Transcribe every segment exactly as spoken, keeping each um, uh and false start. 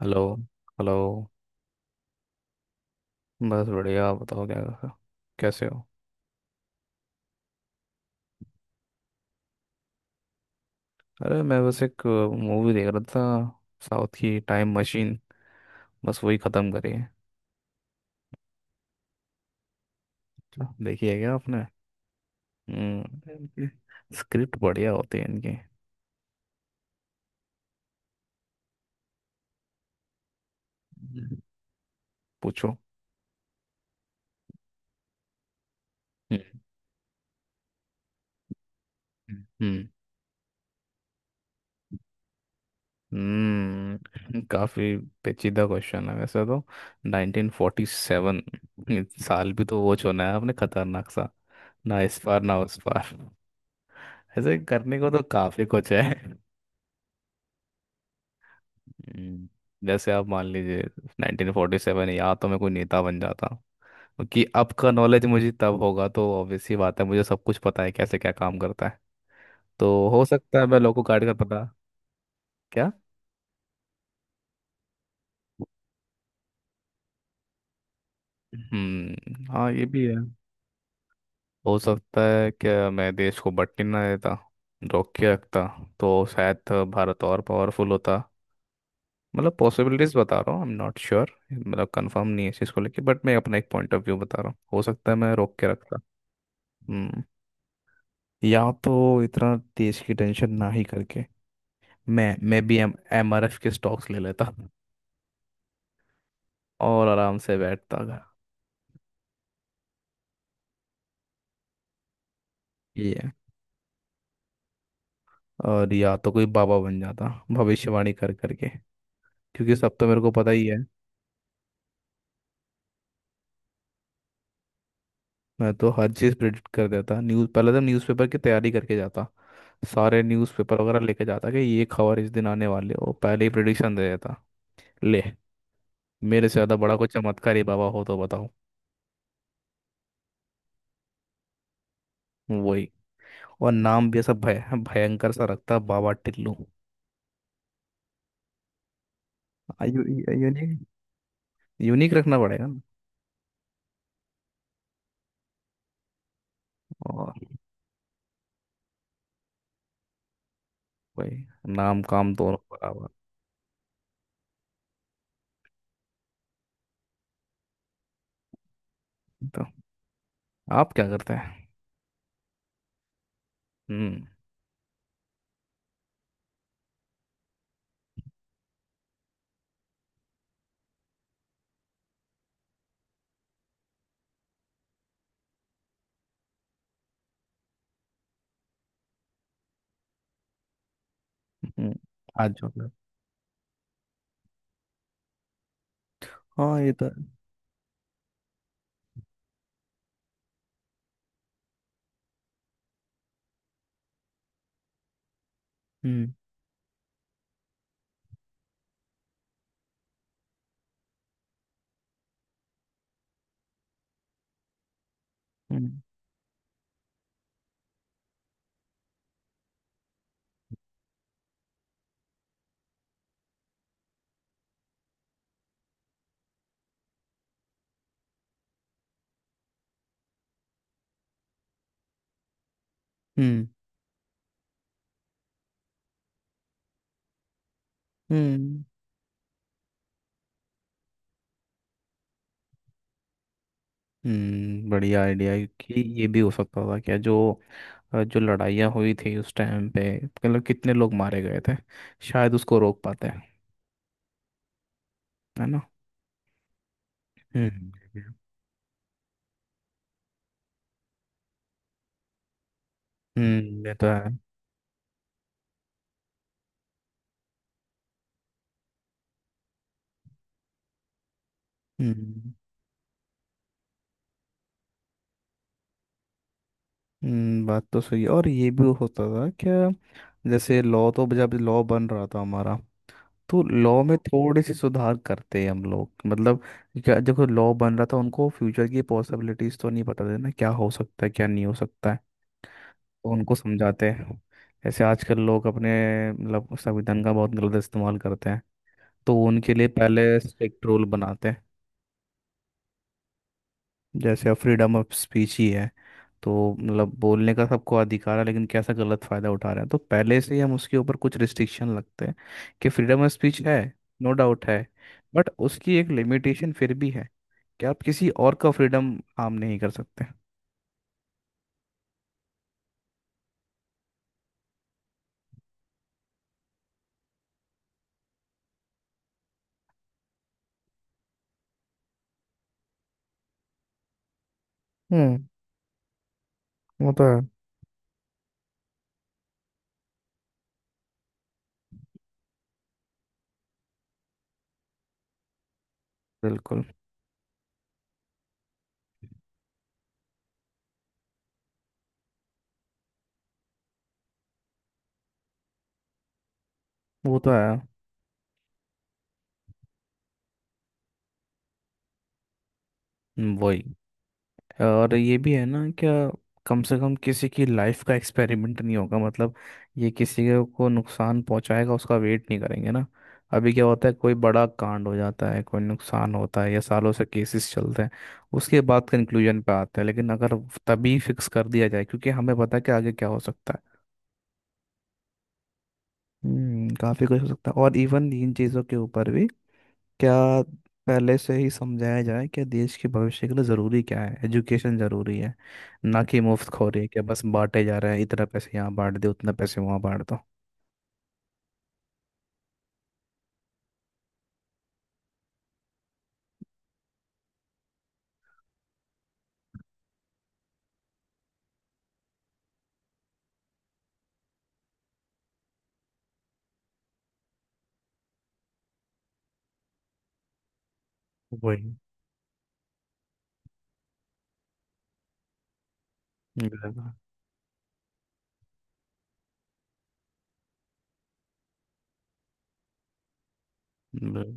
Hello. Hello. बस बढ़िया। आप बताओ, क्या कैसे हो? अरे, मैं बस एक मूवी देख रहा था, साउथ की टाइम मशीन। बस वही ख़त्म करी है। अच्छा, देखी है क्या आपने? हम्म। स्क्रिप्ट बढ़िया होती है इनकी। हम्म। पूछो। हम्म। हम्म। हम्म, काफी पेचीदा क्वेश्चन है वैसे तो। नाइनटीन फ़ोर्टी सेवन साल भी तो वो चुना है आपने, खतरनाक सा। ना इस पार ना उस पार। ऐसे करने को तो काफी कुछ है। हम्म, जैसे आप मान लीजिए, नाइनटीन फ़ोर्टी सेवन। या तो मैं कोई नेता बन जाता क्योंकि अब का नॉलेज मुझे तब होगा, तो ऑब्वियस सी बात है, मुझे सब कुछ पता है कैसे क्या काम करता है। तो हो सकता है मैं लोगों गाइड का पता। क्या? हम्म। हाँ, ये भी है। हो सकता है कि मैं देश को बंटने ना देता, रोक के रखता। तो शायद भारत और पावरफुल होता। मतलब पॉसिबिलिटीज बता रहा हूँ, आई एम नॉट श्योर, मतलब कंफर्म नहीं है इस चीज़ को लेके, बट मैं अपना एक पॉइंट ऑफ व्यू बता रहा हूँ। हो सकता है मैं रोक के रखता। हम्म। या तो इतना देश की टेंशन ना ही करके, मैं मैं भी एम एमआरएफ के स्टॉक्स ले लेता और आराम से बैठता था। ये है। और या तो कोई बाबा बन जाता, भविष्यवाणी कर करके, क्योंकि सब तो मेरे को पता ही है। मैं तो हर चीज़ प्रिडिक्ट कर देता। न्यूज़, पहले तो न्यूज़पेपर की तैयारी करके जाता। सारे न्यूज़पेपर वगैरह लेके जाता, कि ये खबर इस दिन आने वाली है, वो पहले ही प्रिडिक्शन दे देता। ले। मेरे से ज़्यादा बड़ा कोई चमत्कारी बाबा हो तो बताओ। वही। और नाम भी ऐसा भय भयंकर सा रखता, बाबा टिल्लू। यू, यूनिक। यूनिक रखना पड़ेगा ना। और वही, नाम काम दोनों बराबर। तो आप क्या करते हैं? हम्म। हम्म, आज जो कर। हाँ, ये तो है। हम्म। हम्म। हम्म। हम्म। हम्म, बढ़िया आइडिया कि ये भी हो सकता था। क्या जो जो लड़ाइयाँ हुई थी उस टाइम पे, मतलब कितने लोग मारे गए थे। शायद उसको रोक पाते हैं, है ना। हम्म। हम्म। ये तो है। हम्म। हम्म, बात तो सही है। और ये भी होता था क्या? जैसे लॉ तो, जब लॉ बन रहा था हमारा, तो लॉ में थोड़े से सुधार करते हैं हम लोग, मतलब। क्या- देखो, लॉ बन रहा था, उनको फ्यूचर की पॉसिबिलिटीज तो नहीं पता थी ना, क्या हो सकता है क्या नहीं हो सकता है। तो उनको समझाते हैं, ऐसे आजकल लोग अपने, मतलब, संविधान का बहुत गलत इस्तेमाल करते हैं। तो उनके लिए पहले स्ट्रिक्ट रूल बनाते हैं। जैसे अब फ्रीडम ऑफ स्पीच ही है। तो मतलब बोलने का सबको अधिकार है, लेकिन कैसा गलत फायदा उठा रहे हैं, तो पहले से ही हम उसके ऊपर कुछ रिस्ट्रिक्शन लगते हैं। कि फ्रीडम ऑफ स्पीच है। नो डाउट है। बट उसकी एक लिमिटेशन फिर भी है। कि आप किसी और का फ्रीडम हार्म नहीं कर सकते। हम्म। वो तो है। बिल्कुल, वो तो है। हम्म, वही। और ये भी है ना, क्या? कम से कम किसी की लाइफ का एक्सपेरिमेंट नहीं होगा, मतलब। ये किसी के को नुकसान पहुंचाएगा, उसका वेट नहीं करेंगे ना। अभी क्या होता है, कोई बड़ा कांड हो जाता है, कोई नुकसान होता है, या सालों से केसेस चलते हैं। उसके बाद कंक्लूजन पे आते हैं। लेकिन अगर तभी फिक्स कर दिया जाए, क्योंकि हमें पता है कि आगे क्या हो सकता है। हम्म, काफ़ी कुछ हो सकता है। और इवन इन चीज़ों के ऊपर भी। क्या? पहले से ही समझाया जाए कि देश के भविष्य के लिए ज़रूरी क्या है। एजुकेशन ज़रूरी है। ना कि मुफ्त खोरी है कि बस बांटे जा रहे हैं, इतना पैसे यहाँ बांट दे, उतना पैसे वहाँ बांट दो। वही। बिल्कुल, बिल्कुल।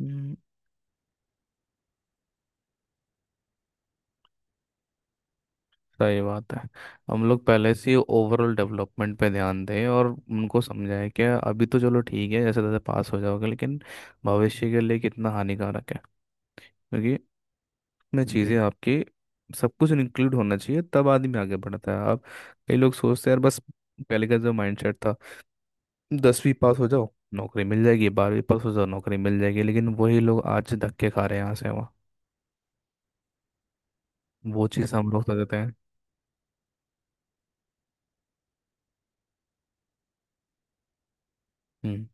हम्म, सही बात है। हम लोग पहले से ओवरऑल डेवलपमेंट पे ध्यान दें और उनको समझाएं कि अभी तो चलो ठीक है, जैसे तैसे पास हो जाओगे, लेकिन भविष्य के लिए कितना हानिकारक है, क्योंकि में चीज़ें आपके, सब कुछ इंक्लूड होना चाहिए तब आदमी आगे बढ़ता है। आप। कई लोग सोचते हैं यार, बस पहले का जो माइंडसेट था, दसवीं पास हो जाओ नौकरी मिल जाएगी, बारहवीं पास हो जाओ नौकरी मिल जाएगी, लेकिन वही लोग आज धक्के खा रहे हैं यहाँ से वहाँ। वो चीज़ हम लोग सोचते हैं। हम्म।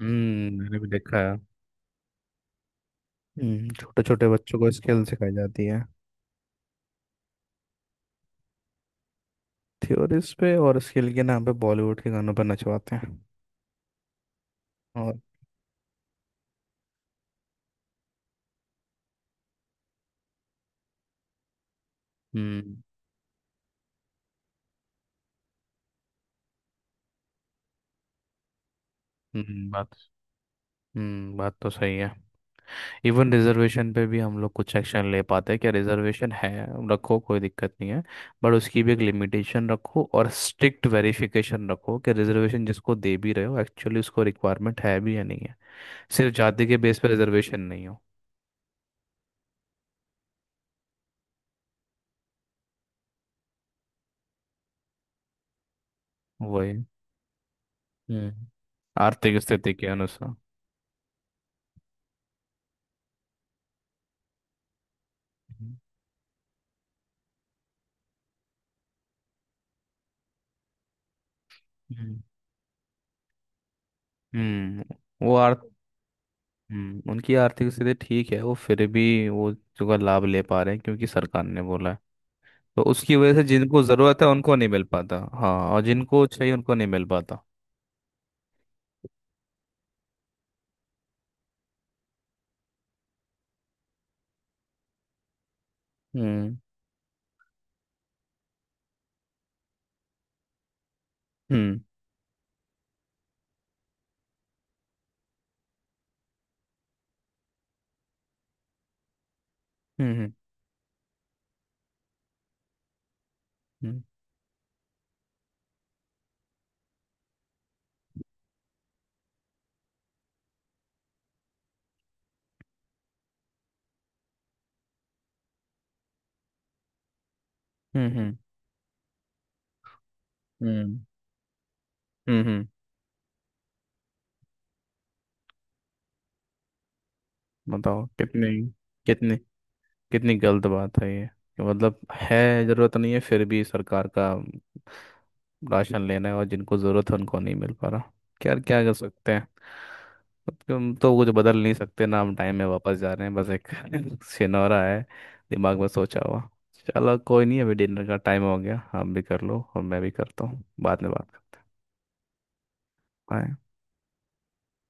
हम्म। मैंने भी देखा है। हम्म, छोटे छोटे बच्चों को स्किल सिखाई जाती है। थ्योरीज पे, और स्किल के नाम पे बॉलीवुड के गानों पर नचवाते हैं। और। हम्म। हम्म, बात। हम्म, बात तो सही है। इवन रिजर्वेशन पे भी हम लोग कुछ एक्शन ले पाते हैं क्या? रिजर्वेशन है, रखो, कोई दिक्कत नहीं है। बट उसकी भी एक लिमिटेशन रखो, और स्ट्रिक्ट वेरिफिकेशन रखो, कि रिजर्वेशन जिसको दे भी रहे हो एक्चुअली उसको रिक्वायरमेंट है भी या नहीं है। सिर्फ जाति के बेस पे रिजर्वेशन नहीं हो। वही। हम्म, आर्थिक स्थिति के अनुसार। हम्म। हम्म। हम्म। वो आर्थ हम्म, उनकी आर्थिक स्थिति ठीक है, वो फिर भी वो उसका लाभ ले पा रहे हैं क्योंकि सरकार ने बोला है। तो उसकी वजह से जिनको ज़रूरत है उनको नहीं मिल पाता। हाँ, और जिनको चाहिए उनको नहीं मिल पाता। हम्म। हम्म। हम्म। हम्म। हम्म। हम्म। हम्म। हम्म। हम्म, बताओ कितनी। कितनी कितनी गलत बात है ये कि, मतलब है। ज़रूरत नहीं है फिर भी सरकार का राशन लेना है, और जिनको ज़रूरत है उनको नहीं मिल पा रहा। क्या क्या कर सकते हैं? अब तो हम तो कुछ बदल नहीं सकते ना, हम टाइम में वापस जा रहे हैं, बस एक सिनोरा है दिमाग में, सोचा हुआ। चलो कोई नहीं, अभी डिनर का टाइम हो गया, आप भी कर लो और मैं भी करता हूँ, बाद में बात करते हैं।